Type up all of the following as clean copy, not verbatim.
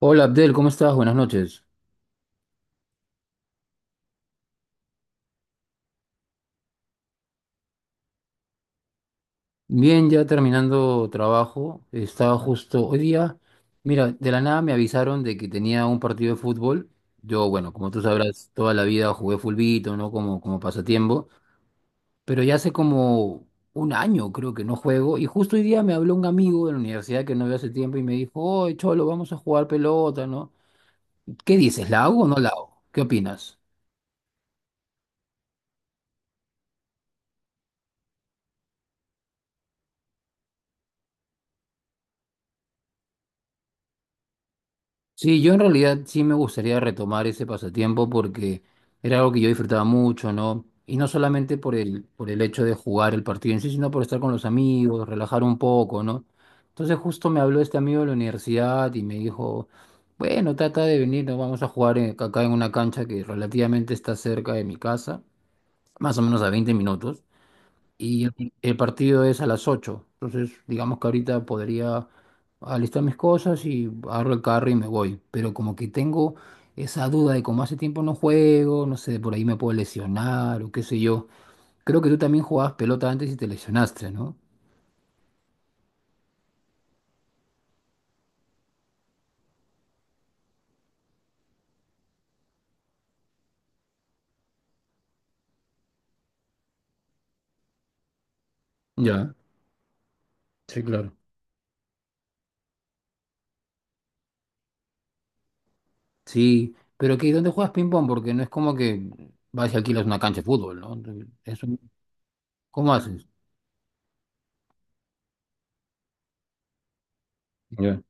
Hola Abdel, ¿cómo estás? Buenas noches. Bien, ya terminando trabajo. Estaba justo hoy día. Mira, de la nada me avisaron de que tenía un partido de fútbol. Yo, bueno, como tú sabrás, toda la vida jugué fulbito, ¿no? Como pasatiempo. Pero ya hace como un año creo que no juego. Y justo hoy día me habló un amigo de la universidad que no veo hace tiempo y me dijo, oye, Cholo, vamos a jugar pelota, ¿no? ¿Qué dices? ¿La hago o no la hago? ¿Qué opinas? Sí, yo en realidad sí me gustaría retomar ese pasatiempo porque era algo que yo disfrutaba mucho, ¿no? Y no solamente por el hecho de jugar el partido en sí, sino por estar con los amigos, relajar un poco, ¿no? Entonces justo me habló este amigo de la universidad y me dijo, bueno, trata de venir, nos vamos a jugar acá en una cancha que relativamente está cerca de mi casa, más o menos a 20 minutos. Y el partido es a las 8. Entonces, digamos que ahorita podría alistar mis cosas y agarro el carro y me voy. Pero como que tengo esa duda de como hace tiempo no juego, no sé, por ahí me puedo lesionar o qué sé yo. Creo que tú también jugabas pelota antes y te lesionaste, ¿no? Ya, sí, claro. Sí, pero que ¿dónde juegas ping-pong? Porque no es como que vas y alquilas una cancha de fútbol, ¿no? Eso, ¿cómo haces? Ya.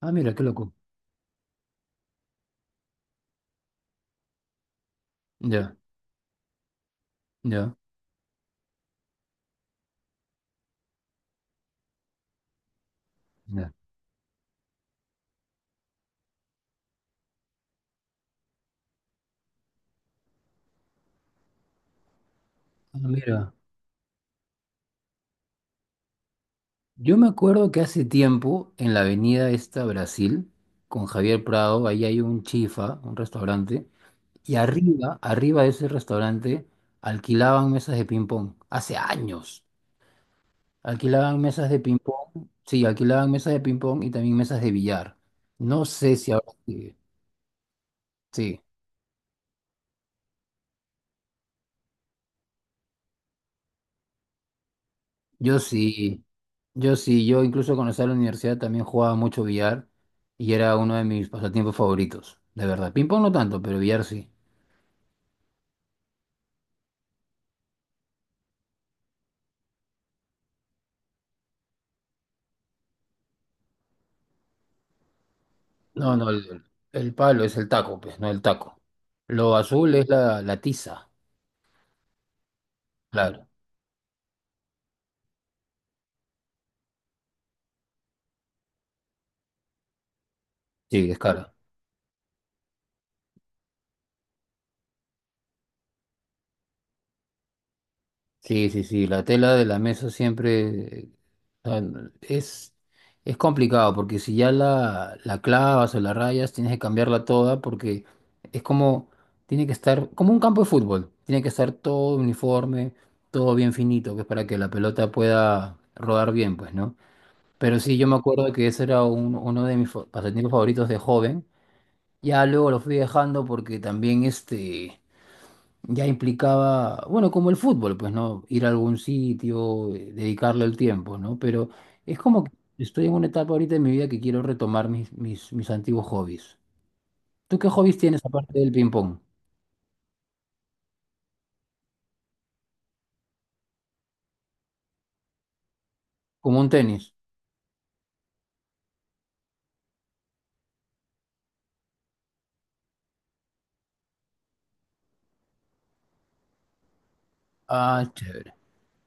Ah, mira, qué loco. Ya, ya, ya. Ah, mira. Yo me acuerdo que hace tiempo, en la avenida esta Brasil, con Javier Prado, ahí hay un chifa, un restaurante, y arriba, arriba de ese restaurante, alquilaban mesas de ping-pong. Hace años. Alquilaban mesas de ping-pong. Sí, alquilaban mesas de ping-pong y también mesas de billar. No sé si ahora sigue. Sí, yo sí. Yo sí, yo incluso cuando estaba en la universidad también jugaba mucho billar y era uno de mis pasatiempos favoritos, de verdad. Ping-pong no tanto, pero billar sí. No, no, el palo es el taco, pues, no el taco. Lo azul es la tiza, claro. Sí, es cara. Sí, sí, sí, la tela de la mesa siempre no, es complicado porque si ya la clavas o la rayas, tienes que cambiarla toda porque es como, tiene que estar, como un campo de fútbol, tiene que estar todo uniforme, todo bien finito, que es para que la pelota pueda rodar bien, pues, ¿no? Pero sí, yo me acuerdo que ese era uno de mis pasatiempos favoritos de joven. Ya luego lo fui dejando porque también este ya implicaba, bueno, como el fútbol, pues, ¿no? Ir a algún sitio, dedicarle el tiempo, ¿no? Pero es como que estoy en una etapa ahorita de mi vida que quiero retomar mis, mis antiguos hobbies. ¿Tú qué hobbies tienes aparte del ping-pong? Como un tenis. Ah, chévere.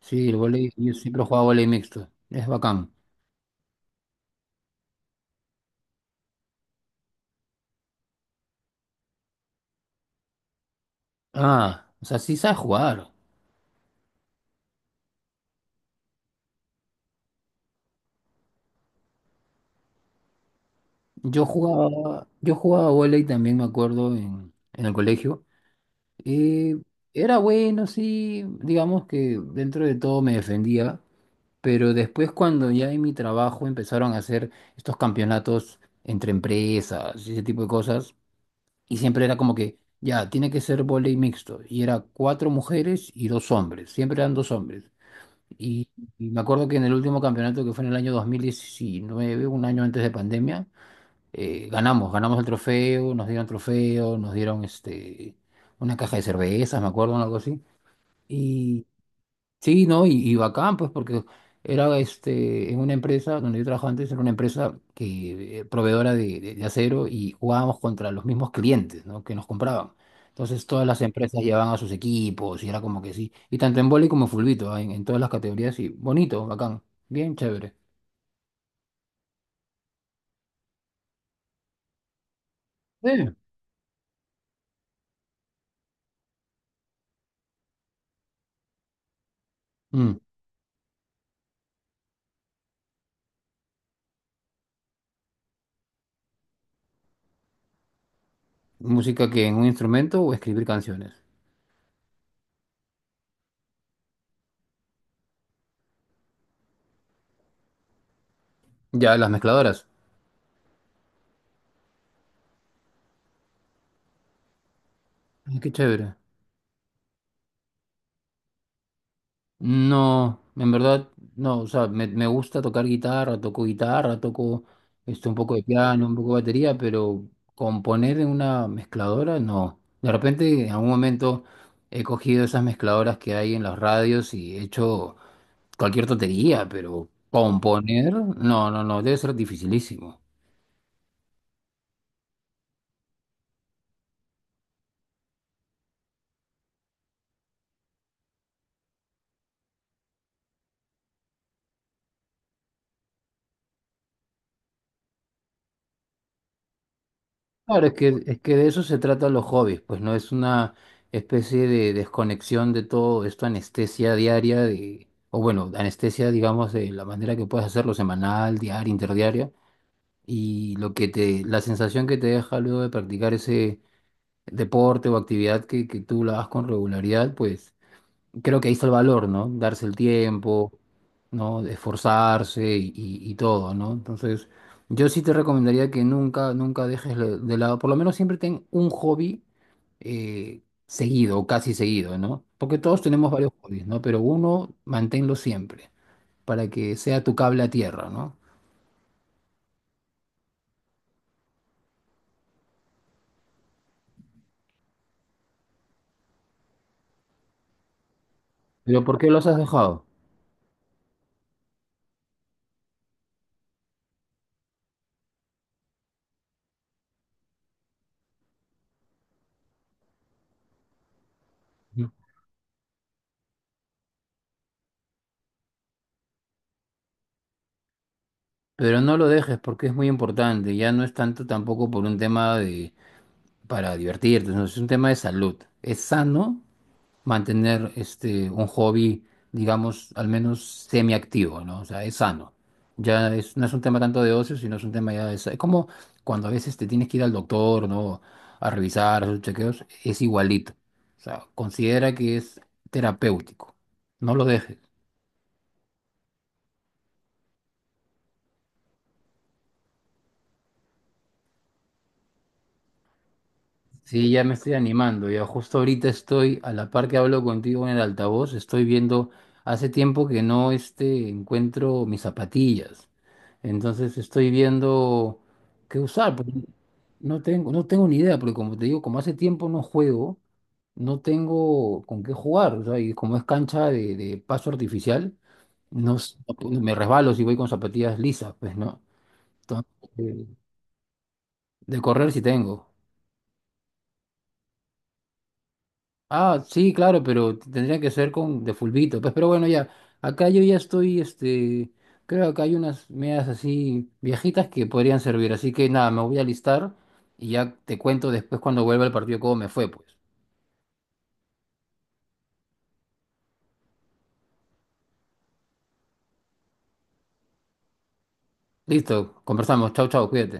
Sí, el vóley, yo siempre he jugado vóley mixto. Es bacán. Ah, o sea, sí sabes jugar. Yo jugaba vóley también, me acuerdo, en, el colegio. Eh, Era bueno, sí, digamos que dentro de todo me defendía, pero después cuando ya en mi trabajo empezaron a hacer estos campeonatos entre empresas y ese tipo de cosas, y siempre era como que, ya, tiene que ser vóley mixto, y era 4 mujeres y 2 hombres, siempre eran 2 hombres. Y, y me acuerdo que en el último campeonato, que fue en el año 2019, un año antes de pandemia, ganamos, ganamos el trofeo, nos dieron este, una caja de cervezas, me acuerdo, algo así. Y sí, ¿no? Y bacán, pues, porque era este, en una empresa donde yo trabajaba antes, era una empresa que, proveedora de, de acero y jugábamos contra los mismos clientes, ¿no? Que nos compraban. Entonces todas las empresas llevaban a sus equipos y era como que sí. Y tanto en vóley como en fulbito, ¿ah? en, todas las categorías, y bonito, bacán, bien chévere. Sí. Mm. Música que en un instrumento o escribir canciones. Ya, las mezcladoras. Ay, qué chévere. No, en verdad, no, o sea, me gusta tocar guitarra, toco este, un poco de piano, un poco de batería, pero componer en una mezcladora, no. De repente, en algún momento, he cogido esas mezcladoras que hay en las radios y he hecho cualquier tontería, pero componer, no, no, no, debe ser dificilísimo. Claro, es que de eso se trata los hobbies, pues no es una especie de desconexión de todo esto, anestesia diaria, de, o bueno, anestesia, digamos, de la manera que puedes hacerlo semanal, diaria, interdiaria, y lo que te, la sensación que te deja luego de practicar ese deporte o actividad que tú la hagas con regularidad, pues creo que ahí está el valor, ¿no? Darse el tiempo, ¿no? De esforzarse y, y todo, ¿no? Entonces, yo sí te recomendaría que nunca, nunca dejes de lado, por lo menos siempre ten un hobby seguido o casi seguido, ¿no? Porque todos tenemos varios hobbies, ¿no? Pero uno, manténlo siempre, para que sea tu cable a tierra, ¿no? Pero ¿por qué los has dejado? Ujú. Pero no lo dejes porque es muy importante, ya no es tanto tampoco por un tema de para divertirte, no, es un tema de salud. Es sano mantener este, un hobby, digamos, al menos semiactivo, ¿no? O sea, es sano. Ya es, no es un tema tanto de ocio, sino es un tema ya de Es como cuando a veces te tienes que ir al doctor, ¿no? A revisar sus chequeos, es igualito. O sea, considera que es terapéutico. No lo dejes. Sí, ya me estoy animando. Ya justo ahorita estoy, a la par que hablo contigo en el altavoz, estoy viendo, hace tiempo que no este, encuentro mis zapatillas. Entonces estoy viendo qué usar, porque no tengo, no tengo ni idea, porque como te digo, como hace tiempo no juego, no tengo con qué jugar. O sea, y como es cancha de paso artificial, no, me resbalo si voy con zapatillas lisas, pues, ¿no? Entonces, de correr sí tengo. Ah, sí, claro, pero tendría que ser con de fulbito, pues, pero bueno, ya, acá yo ya estoy, este, creo que acá hay unas medias así viejitas que podrían servir, así que nada, me voy a alistar y ya te cuento después cuando vuelva el partido cómo me fue, pues. Listo, conversamos, chau, chau, cuídate.